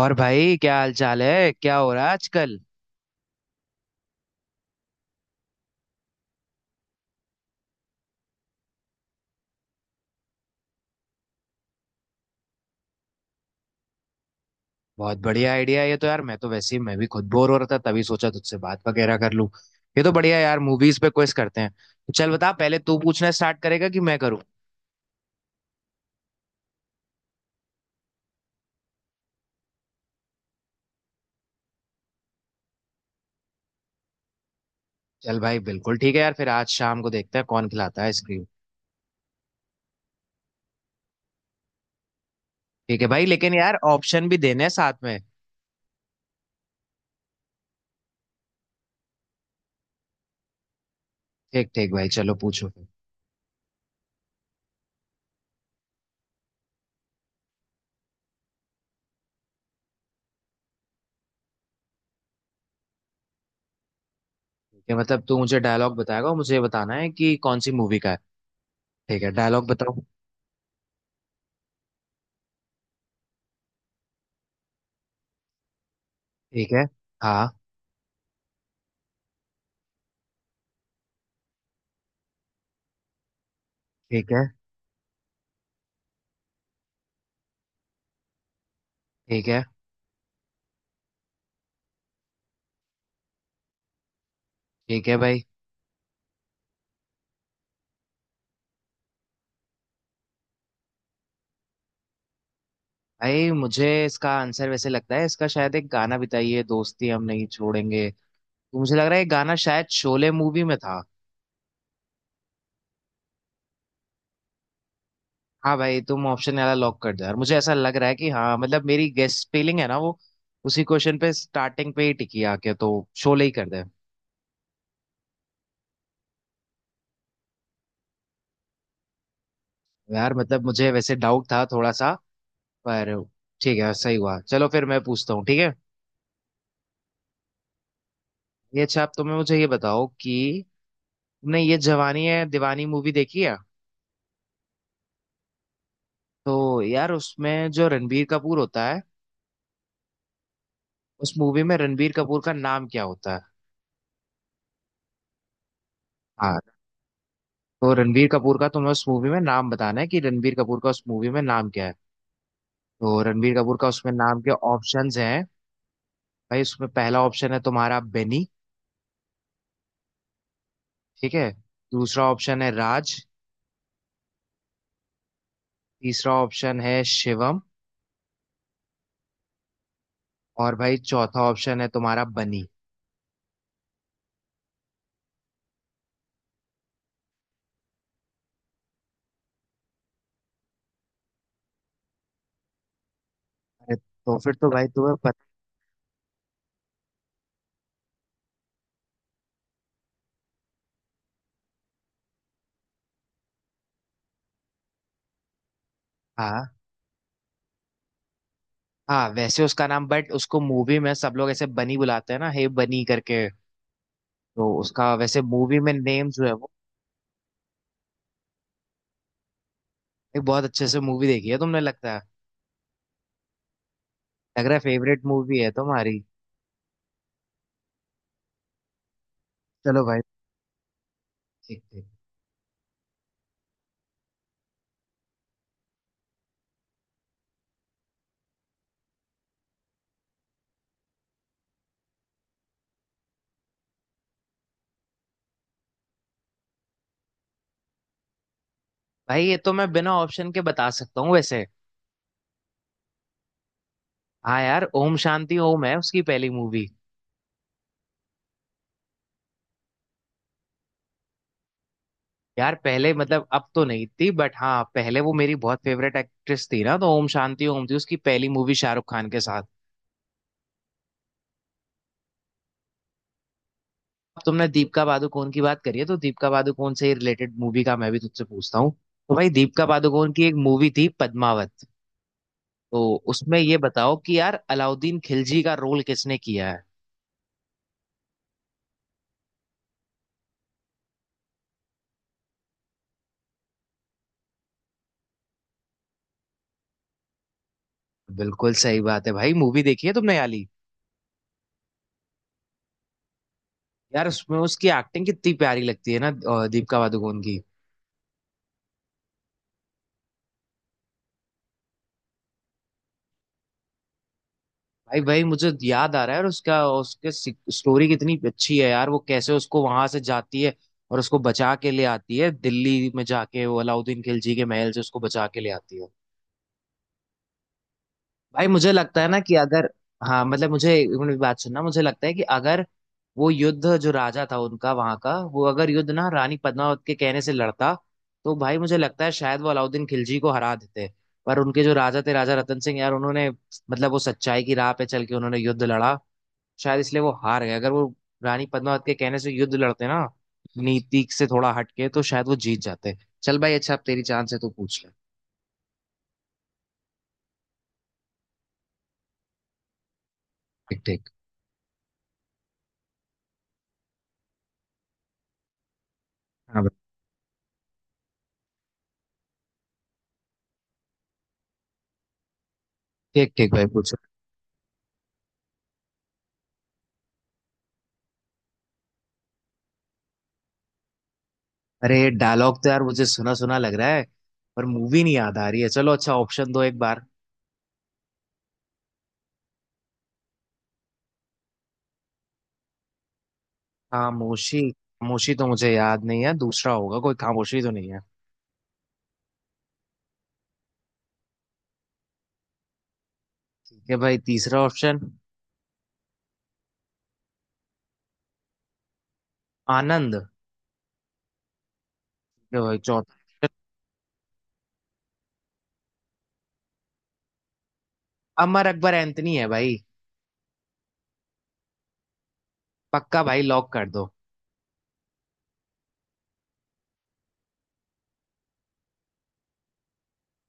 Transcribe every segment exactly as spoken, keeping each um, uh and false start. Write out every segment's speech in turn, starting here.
और भाई क्या हाल चाल है, क्या हो रहा है आजकल। बहुत बढ़िया आइडिया है ये तो यार, मैं तो वैसे ही मैं भी खुद बोर हो रहा था, तभी सोचा तुझसे बात वगैरह कर लूं। ये तो बढ़िया यार, मूवीज पे क्विज करते हैं। तो चल बता, पहले तू पूछना स्टार्ट करेगा कि मैं करूँ। चल भाई बिल्कुल ठीक है यार, फिर आज शाम को देखते हैं कौन खिलाता है आइसक्रीम। ठीक है भाई, लेकिन यार ऑप्शन भी देने हैं साथ में। ठीक ठीक भाई, चलो पूछो फिर। ठीक है, मतलब तू मुझे डायलॉग बताएगा और मुझे ये बताना है कि कौन सी मूवी का है। ठीक है, डायलॉग बताओ। ठीक है। हाँ। ठीक है। ठीक है। ठीक है भाई। भाई मुझे इसका आंसर वैसे लगता है, इसका शायद एक गाना भी था, ये दोस्ती हम नहीं छोड़ेंगे। तो मुझे लग रहा है ये गाना शायद शोले मूवी में था। हाँ भाई, तुम ऑप्शन वाला लॉक कर दो यार, मुझे ऐसा लग रहा है कि हाँ, मतलब मेरी गेस फीलिंग है ना वो उसी क्वेश्चन पे, स्टार्टिंग पे ही टिकी आके, तो शोले ही कर दे। यार मतलब मुझे वैसे डाउट था थोड़ा सा, पर ठीक है सही हुआ। चलो फिर मैं पूछता हूँ, ठीक है। ये अच्छा, आप तुम्हें मुझे ये बताओ कि तुमने ये जवानी है दीवानी मूवी देखी है। तो यार उसमें जो रणबीर कपूर होता है, उस मूवी में रणबीर कपूर का नाम क्या होता है। हाँ, तो रणबीर कपूर का तुम्हें उस मूवी में नाम बताना है कि रणबीर कपूर का उस मूवी में नाम क्या है। तो रणबीर कपूर का उसमें नाम के ऑप्शंस हैं। भाई उसमें पहला ऑप्शन है तुम्हारा बेनी। ठीक है। दूसरा ऑप्शन है राज। तीसरा ऑप्शन है शिवम। और भाई चौथा ऑप्शन है तुम्हारा बनी। अरे तो फिर तो भाई तुम्हें पता। हाँ हाँ, वैसे उसका नाम, बट उसको मूवी में सब लोग ऐसे बनी बुलाते हैं ना, हे बनी करके। तो उसका वैसे मूवी में नेम जो है वो एक, बहुत अच्छे से मूवी देखी है तुमने लगता है। लग रहा है फेवरेट मूवी है तुम्हारी। चलो भाई। ठीक ठीक भाई, ये तो मैं बिना ऑप्शन के बता सकता हूँ वैसे। हाँ यार, ओम शांति ओम है उसकी पहली मूवी। यार पहले, मतलब अब तो नहीं थी, बट हाँ पहले वो मेरी बहुत फेवरेट एक्ट्रेस थी ना, तो ओम शांति ओम थी उसकी पहली मूवी शाहरुख खान के साथ। अब तुमने दीपिका पादुकोण की बात करी है, तो दीपिका पादुकोण से रिलेटेड मूवी का मैं भी तुझसे पूछता हूँ। तो भाई दीपिका पादुकोण की एक मूवी थी पद्मावत। तो उसमें ये बताओ कि यार अलाउद्दीन खिलजी का रोल किसने किया है। बिल्कुल सही बात है भाई, मूवी देखी है तुमने याली। यार उसमें उसकी एक्टिंग कितनी प्यारी लगती है ना, अ, दीपिका पादुकोण की। भाई भाई मुझे याद आ रहा है, और उसका उसके स्टोरी कितनी अच्छी है यार, वो कैसे उसको वहां से जाती है, और उसको बचा के ले आती है, दिल्ली में जाके वो अलाउद्दीन खिलजी के महल से उसको बचा के ले आती है। भाई मुझे लगता है ना कि अगर, हाँ मतलब मुझे एक मिनट, बात सुनना, मुझे लगता है कि अगर वो युद्ध, जो राजा था उनका वहां का, वो अगर युद्ध ना रानी पद्मावत के कहने से लड़ता, तो भाई मुझे लगता है शायद वो अलाउद्दीन खिलजी को हरा देते। पर उनके जो राजा थे, राजा रतन सिंह यार, उन्होंने मतलब वो सच्चाई की राह पे चल के उन्होंने युद्ध लड़ा, शायद इसलिए वो हार गए। अगर वो रानी पद्मावत के कहने से युद्ध लड़ते ना, नीति से थोड़ा हटके, तो शायद वो जीत जाते। चल भाई अच्छा, अब तेरी चांस है तो पूछ ले। ठीक ठीक। हाँ भाई। ठीक ठीक भाई पूछ। अरे डायलॉग तो यार मुझे सुना सुना लग रहा है, पर मूवी नहीं याद आ रही है। चलो अच्छा ऑप्शन दो एक बार। खामोशी, खामोशी तो मुझे याद नहीं है, दूसरा होगा कोई, खामोशी तो नहीं है। ठीक है भाई तीसरा ऑप्शन। आनंद। ठीक है भाई चौथा। अमर अकबर एंथनी है भाई। पक्का भाई, लॉक कर दो।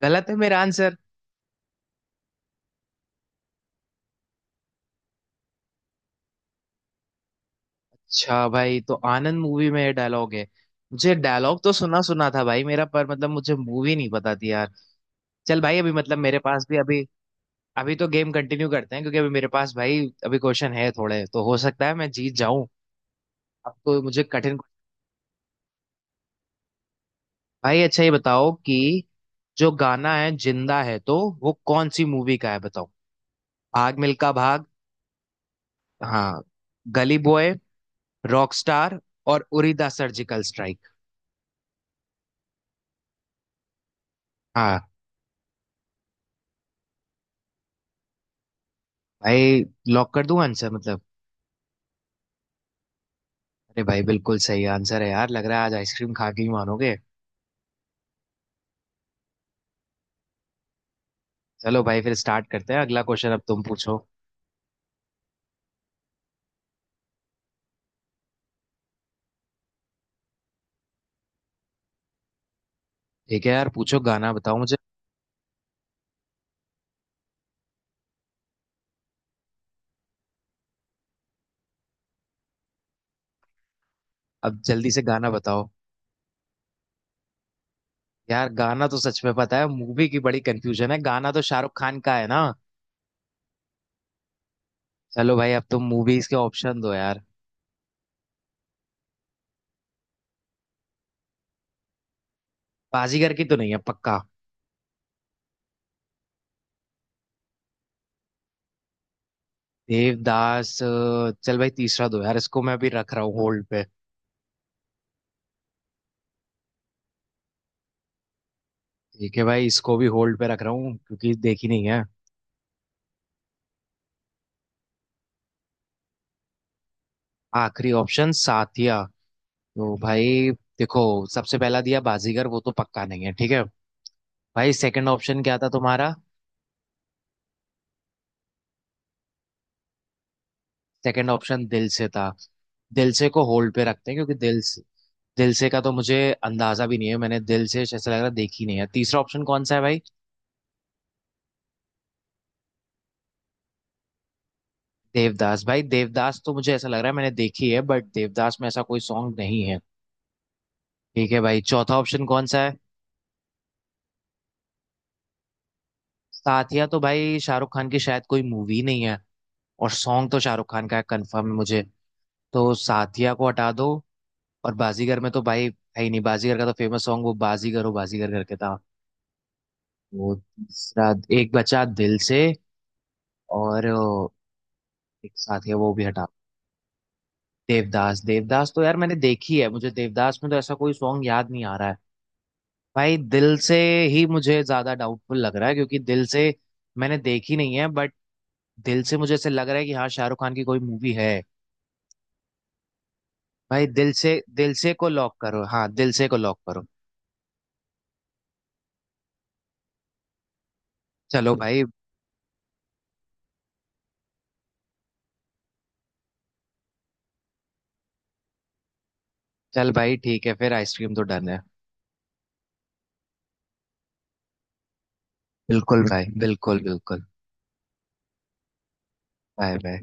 गलत है मेरा आंसर? अच्छा भाई, तो आनंद मूवी में डायलॉग है। मुझे डायलॉग तो सुना सुना था भाई मेरा, पर मतलब मुझे मूवी नहीं पता थी यार। चल भाई अभी मतलब मेरे पास भी अभी, अभी तो गेम कंटिन्यू करते हैं, क्योंकि अभी मेरे पास भाई, अभी क्वेश्चन है थोड़े, तो हो सकता है मैं जीत जाऊं। अब तो मुझे कठिन। भाई अच्छा ये बताओ कि जो गाना है जिंदा है, तो वो कौन सी मूवी का है बताओ। भाग मिल्खा भाग। हाँ। गली बॉय। रॉकस्टार। और उरी द सर्जिकल स्ट्राइक। हाँ। भाई लॉक कर दूं आंसर मतलब? अरे भाई बिल्कुल सही आंसर है यार, लग रहा है आज आइसक्रीम खा के ही मानोगे। चलो भाई, फिर स्टार्ट करते हैं अगला क्वेश्चन, अब तुम पूछो। ठीक है यार, पूछो गाना बताओ मुझे। अब जल्दी से गाना बताओ। यार गाना तो सच में पता है, मूवी की बड़ी कंफ्यूजन है, गाना तो शाहरुख खान का है ना। चलो भाई अब तुम मूवीज के ऑप्शन दो यार। बाजीगर की तो नहीं है पक्का। देवदास, अ, चल भाई तीसरा दो यार, इसको मैं अभी रख रहा हूँ होल्ड पे। ठीक है भाई, इसको भी होल्ड पे रख रहा हूँ क्योंकि देखी नहीं है। आखिरी ऑप्शन साथिया। तो भाई देखो, सबसे पहला दिया बाजीगर, वो तो पक्का नहीं है ठीक है। भाई सेकंड ऑप्शन क्या था तुम्हारा? सेकंड ऑप्शन दिल से था। दिल से को होल्ड पे रखते हैं, क्योंकि दिल से, दिल से का तो मुझे अंदाजा भी नहीं है, मैंने दिल से ऐसा लग रहा है देखी नहीं है। तीसरा ऑप्शन कौन सा है भाई? देवदास, भाई देवदास तो मुझे ऐसा लग रहा है मैंने देखी है, बट देवदास में ऐसा कोई सॉन्ग नहीं है। ठीक है भाई, चौथा ऑप्शन कौन सा है? साथिया, तो भाई शाहरुख खान की शायद कोई मूवी नहीं है, और सॉन्ग तो शाहरुख खान का है, कंफर्म है मुझे। तो साथिया को हटा दो। और बाजीगर में तो भाई है ही नहीं, बाजीगर का तो फेमस सॉन्ग वो बाजीगर हो बाजीगर करके था वो, तीसरा। एक बचा दिल से, और अ, एक साथ है वो भी हटा। देवदास, देवदास तो यार मैंने देखी है, मुझे देवदास में तो ऐसा कोई सॉन्ग याद नहीं आ रहा है। भाई दिल से ही मुझे ज्यादा डाउटफुल लग रहा है, क्योंकि दिल से मैंने देखी नहीं है, बट दिल से मुझे ऐसे लग रहा है कि हाँ शाहरुख खान की कोई मूवी है। भाई दिल से, दिल से को लॉक करो, हाँ दिल से को लॉक करो। चलो भाई। चल भाई ठीक है, फिर आइसक्रीम तो डन है। बिल्कुल भाई, बिल्कुल बिल्कुल। Bye bye.